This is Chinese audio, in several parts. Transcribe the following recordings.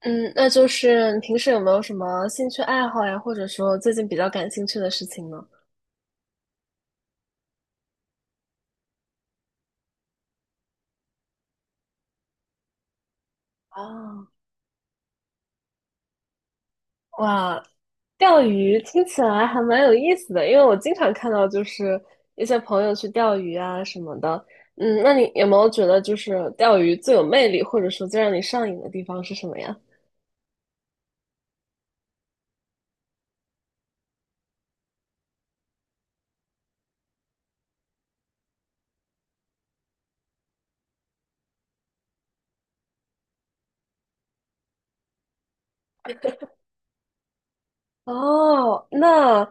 嗯，那就是你平时有没有什么兴趣爱好呀，或者说最近比较感兴趣的事情呢？啊，哇，钓鱼听起来还蛮有意思的，因为我经常看到就是一些朋友去钓鱼啊什么的。嗯，那你有没有觉得就是钓鱼最有魅力，或者说最让你上瘾的地方是什么呀？哦，那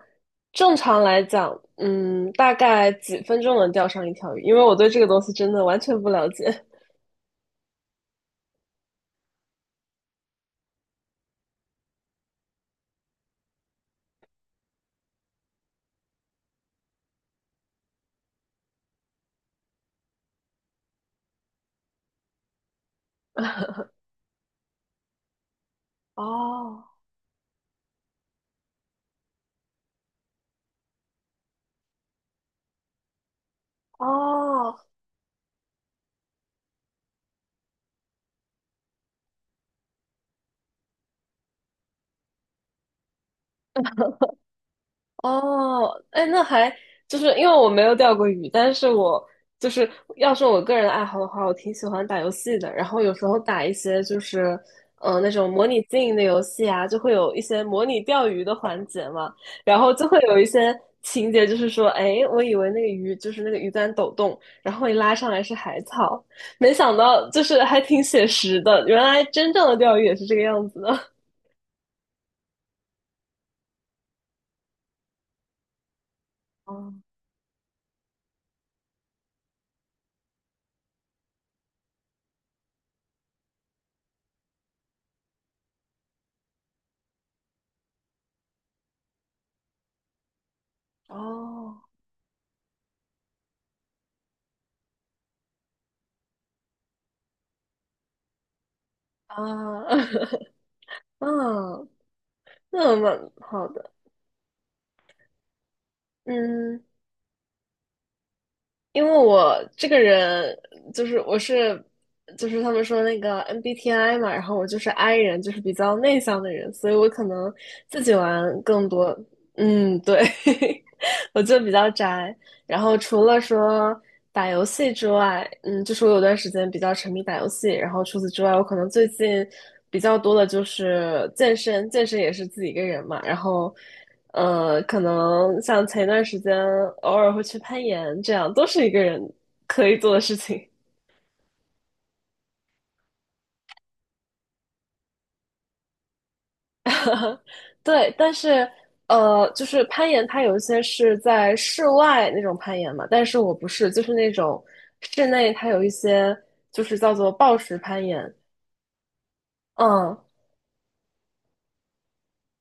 正常来讲，大概几分钟能钓上一条鱼？因为我对这个东西真的完全不了解。哦哦，哦，哎，那还就是因为我没有钓过鱼，但是我就是要说我个人的爱好的话，我挺喜欢打游戏的。然后有时候打一些就是那种模拟经营的游戏啊，就会有一些模拟钓鱼的环节嘛。然后就会有一些情节，就是说，哎，我以为那个鱼就是那个鱼竿抖动，然后一拉上来是海草，没想到就是还挺写实的。原来真正的钓鱼也是这个样子的。哦，哦，啊，嗯，那么好的，嗯，因为我这个人就是我是就是他们说那个 MBTI 嘛，然后我就是 I 人，就是比较内向的人，所以我可能自己玩更多。嗯，对，我就比较宅。然后除了说打游戏之外，嗯，就是我有段时间比较沉迷打游戏，然后除此之外，我可能最近比较多的就是健身，健身也是自己一个人嘛，然后。可能像前一段时间偶尔会去攀岩，这样都是一个人可以做的事情。对，但是就是攀岩，它有一些是在室外那种攀岩嘛，但是我不是，就是那种室内它有一些就是叫做抱石攀岩，嗯，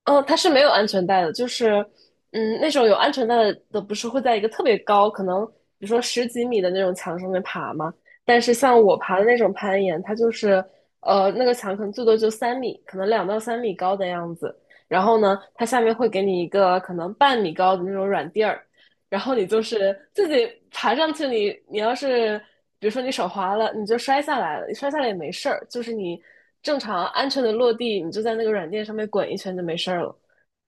嗯，它是没有安全带的，就是，嗯，那种有安全带的不是会在一个特别高，可能比如说十几米的那种墙上面爬吗？但是像我爬的那种攀岩，它就是，那个墙可能最多就三米，可能2到3米高的样子。然后呢，它下面会给你一个可能0.5米高的那种软垫儿，然后你就是自己爬上去你要是比如说你手滑了，你就摔下来了，你摔下来也没事儿，就是你正常安全的落地，你就在那个软垫上面滚一圈就没事儿了，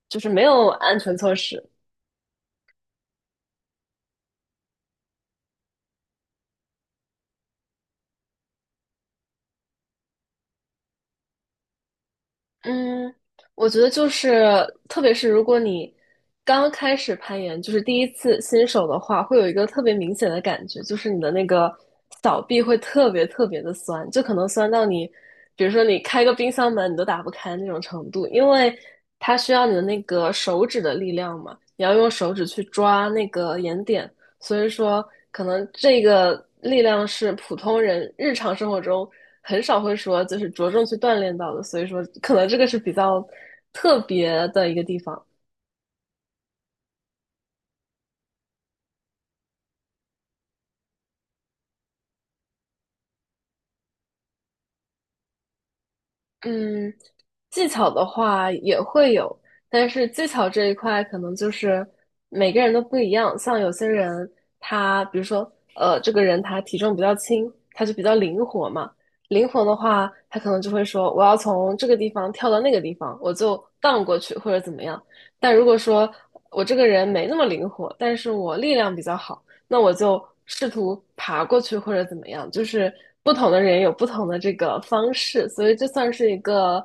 就是没有安全措施。嗯，我觉得就是，特别是如果你刚开始攀岩，就是第一次新手的话，会有一个特别明显的感觉，就是你的那个小臂会特别特别的酸，就可能酸到你，比如说你开个冰箱门你都打不开那种程度，因为它需要你的那个手指的力量嘛，你要用手指去抓那个岩点，所以说，可能这个力量是普通人日常生活中很少会说，就是着重去锻炼到的。所以说，可能这个是比较特别的一个地方。嗯，技巧的话也会有，但是技巧这一块可能就是每个人都不一样。像有些人他，比如说，这个人他体重比较轻，他就比较灵活嘛。灵活的话，他可能就会说，我要从这个地方跳到那个地方，我就荡过去或者怎么样。但如果说我这个人没那么灵活，但是我力量比较好，那我就试图爬过去或者怎么样，就是不同的人有不同的这个方式，所以这算是一个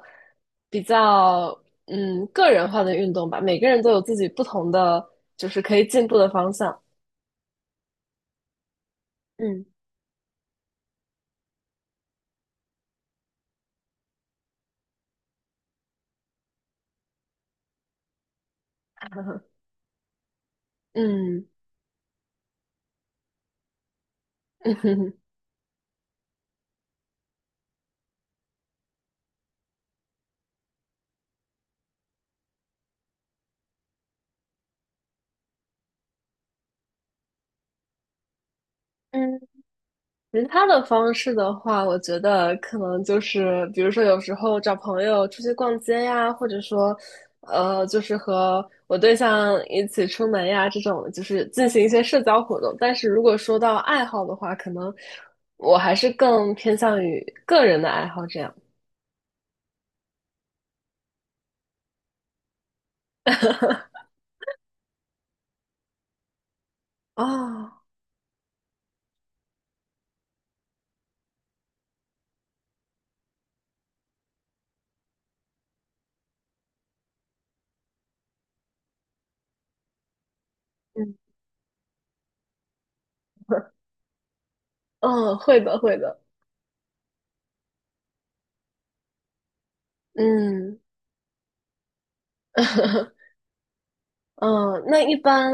比较个人化的运动吧。每个人都有自己不同的，就是可以进步的方向。嗯嗯嗯 嗯，其他的方式的话，我觉得可能就是，比如说有时候找朋友出去逛街呀，或者说，就是和我对象一起出门呀，这种就是进行一些社交活动。但是如果说到爱好的话，可能我还是更偏向于个人的爱好这样啊。嗯 嗯，会的，会的，嗯。嗯，那一般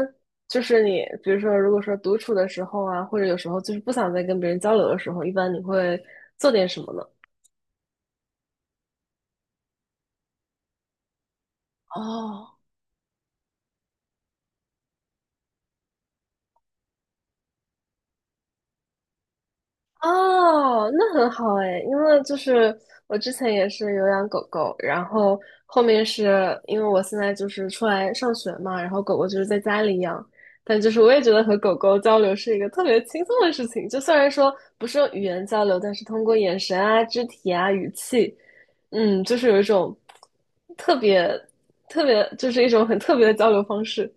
就是你，比如说，如果说独处的时候啊，或者有时候就是不想再跟别人交流的时候，一般你会做点什么呢？哦，哦，那很好哎，因为就是我之前也是有养狗狗，然后后面是因为我现在就是出来上学嘛，然后狗狗就是在家里养，但就是我也觉得和狗狗交流是一个特别轻松的事情，就虽然说不是用语言交流，但是通过眼神啊、肢体啊、语气，嗯，就是有一种特别特别，就是一种很特别的交流方式。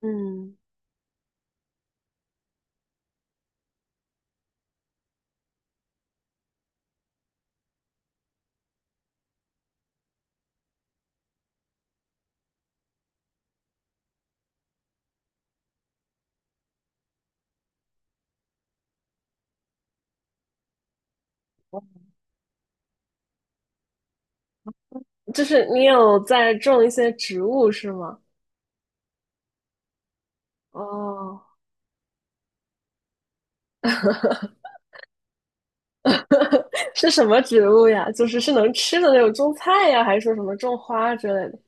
嗯，就是你有在种一些植物是吗？哦。是什么植物呀？就是是能吃的那种种菜呀，还是说什么种花之类的？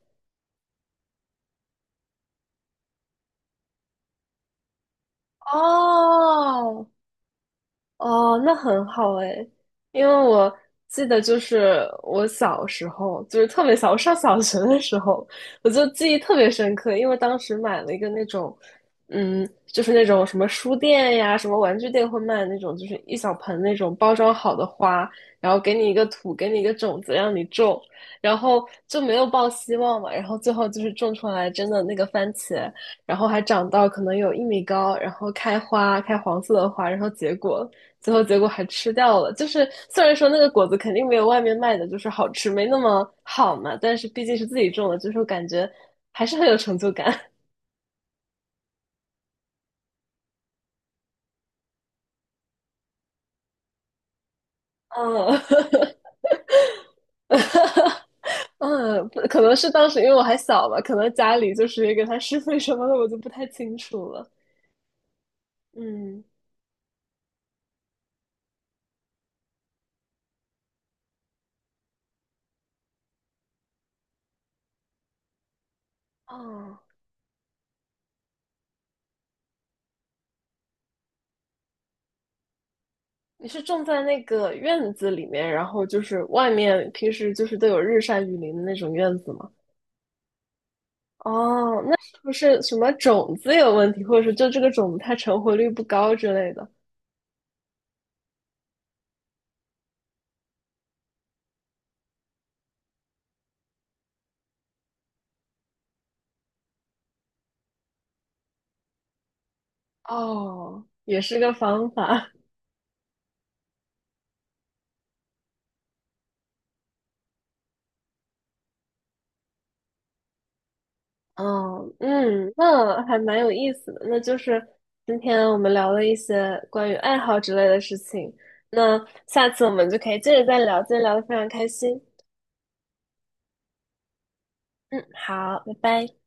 哦，哦，那很好哎，因为我记得就是我小时候，就是特别小，我上小学的时候，我就记忆特别深刻，因为当时买了一个那种，嗯，就是那种什么书店呀、什么玩具店会卖那种，就是一小盆那种包装好的花，然后给你一个土，给你一个种子让你种，然后就没有抱希望嘛，然后最后就是种出来真的那个番茄，然后还长到可能有1米高，然后开花，开黄色的花，然后结果。最后结果还吃掉了。就是虽然说那个果子肯定没有外面卖的就是好吃，没那么好嘛，但是毕竟是自己种的，就是感觉还是很有成就感。嗯 嗯，可能是当时因为我还小吧，可能家里就是也给他施肥什么的，我就不太清楚了。嗯，哦，你是种在那个院子里面，然后就是外面平时就是都有日晒雨淋的那种院子吗？哦，那是不是什么种子有问题，或者说就这个种子它成活率不高之类的？哦，也是个方法。哦，嗯，那还蛮有意思的。那就是今天我们聊了一些关于爱好之类的事情。那下次我们就可以接着再聊，今天聊的非常开心。嗯，好，拜拜。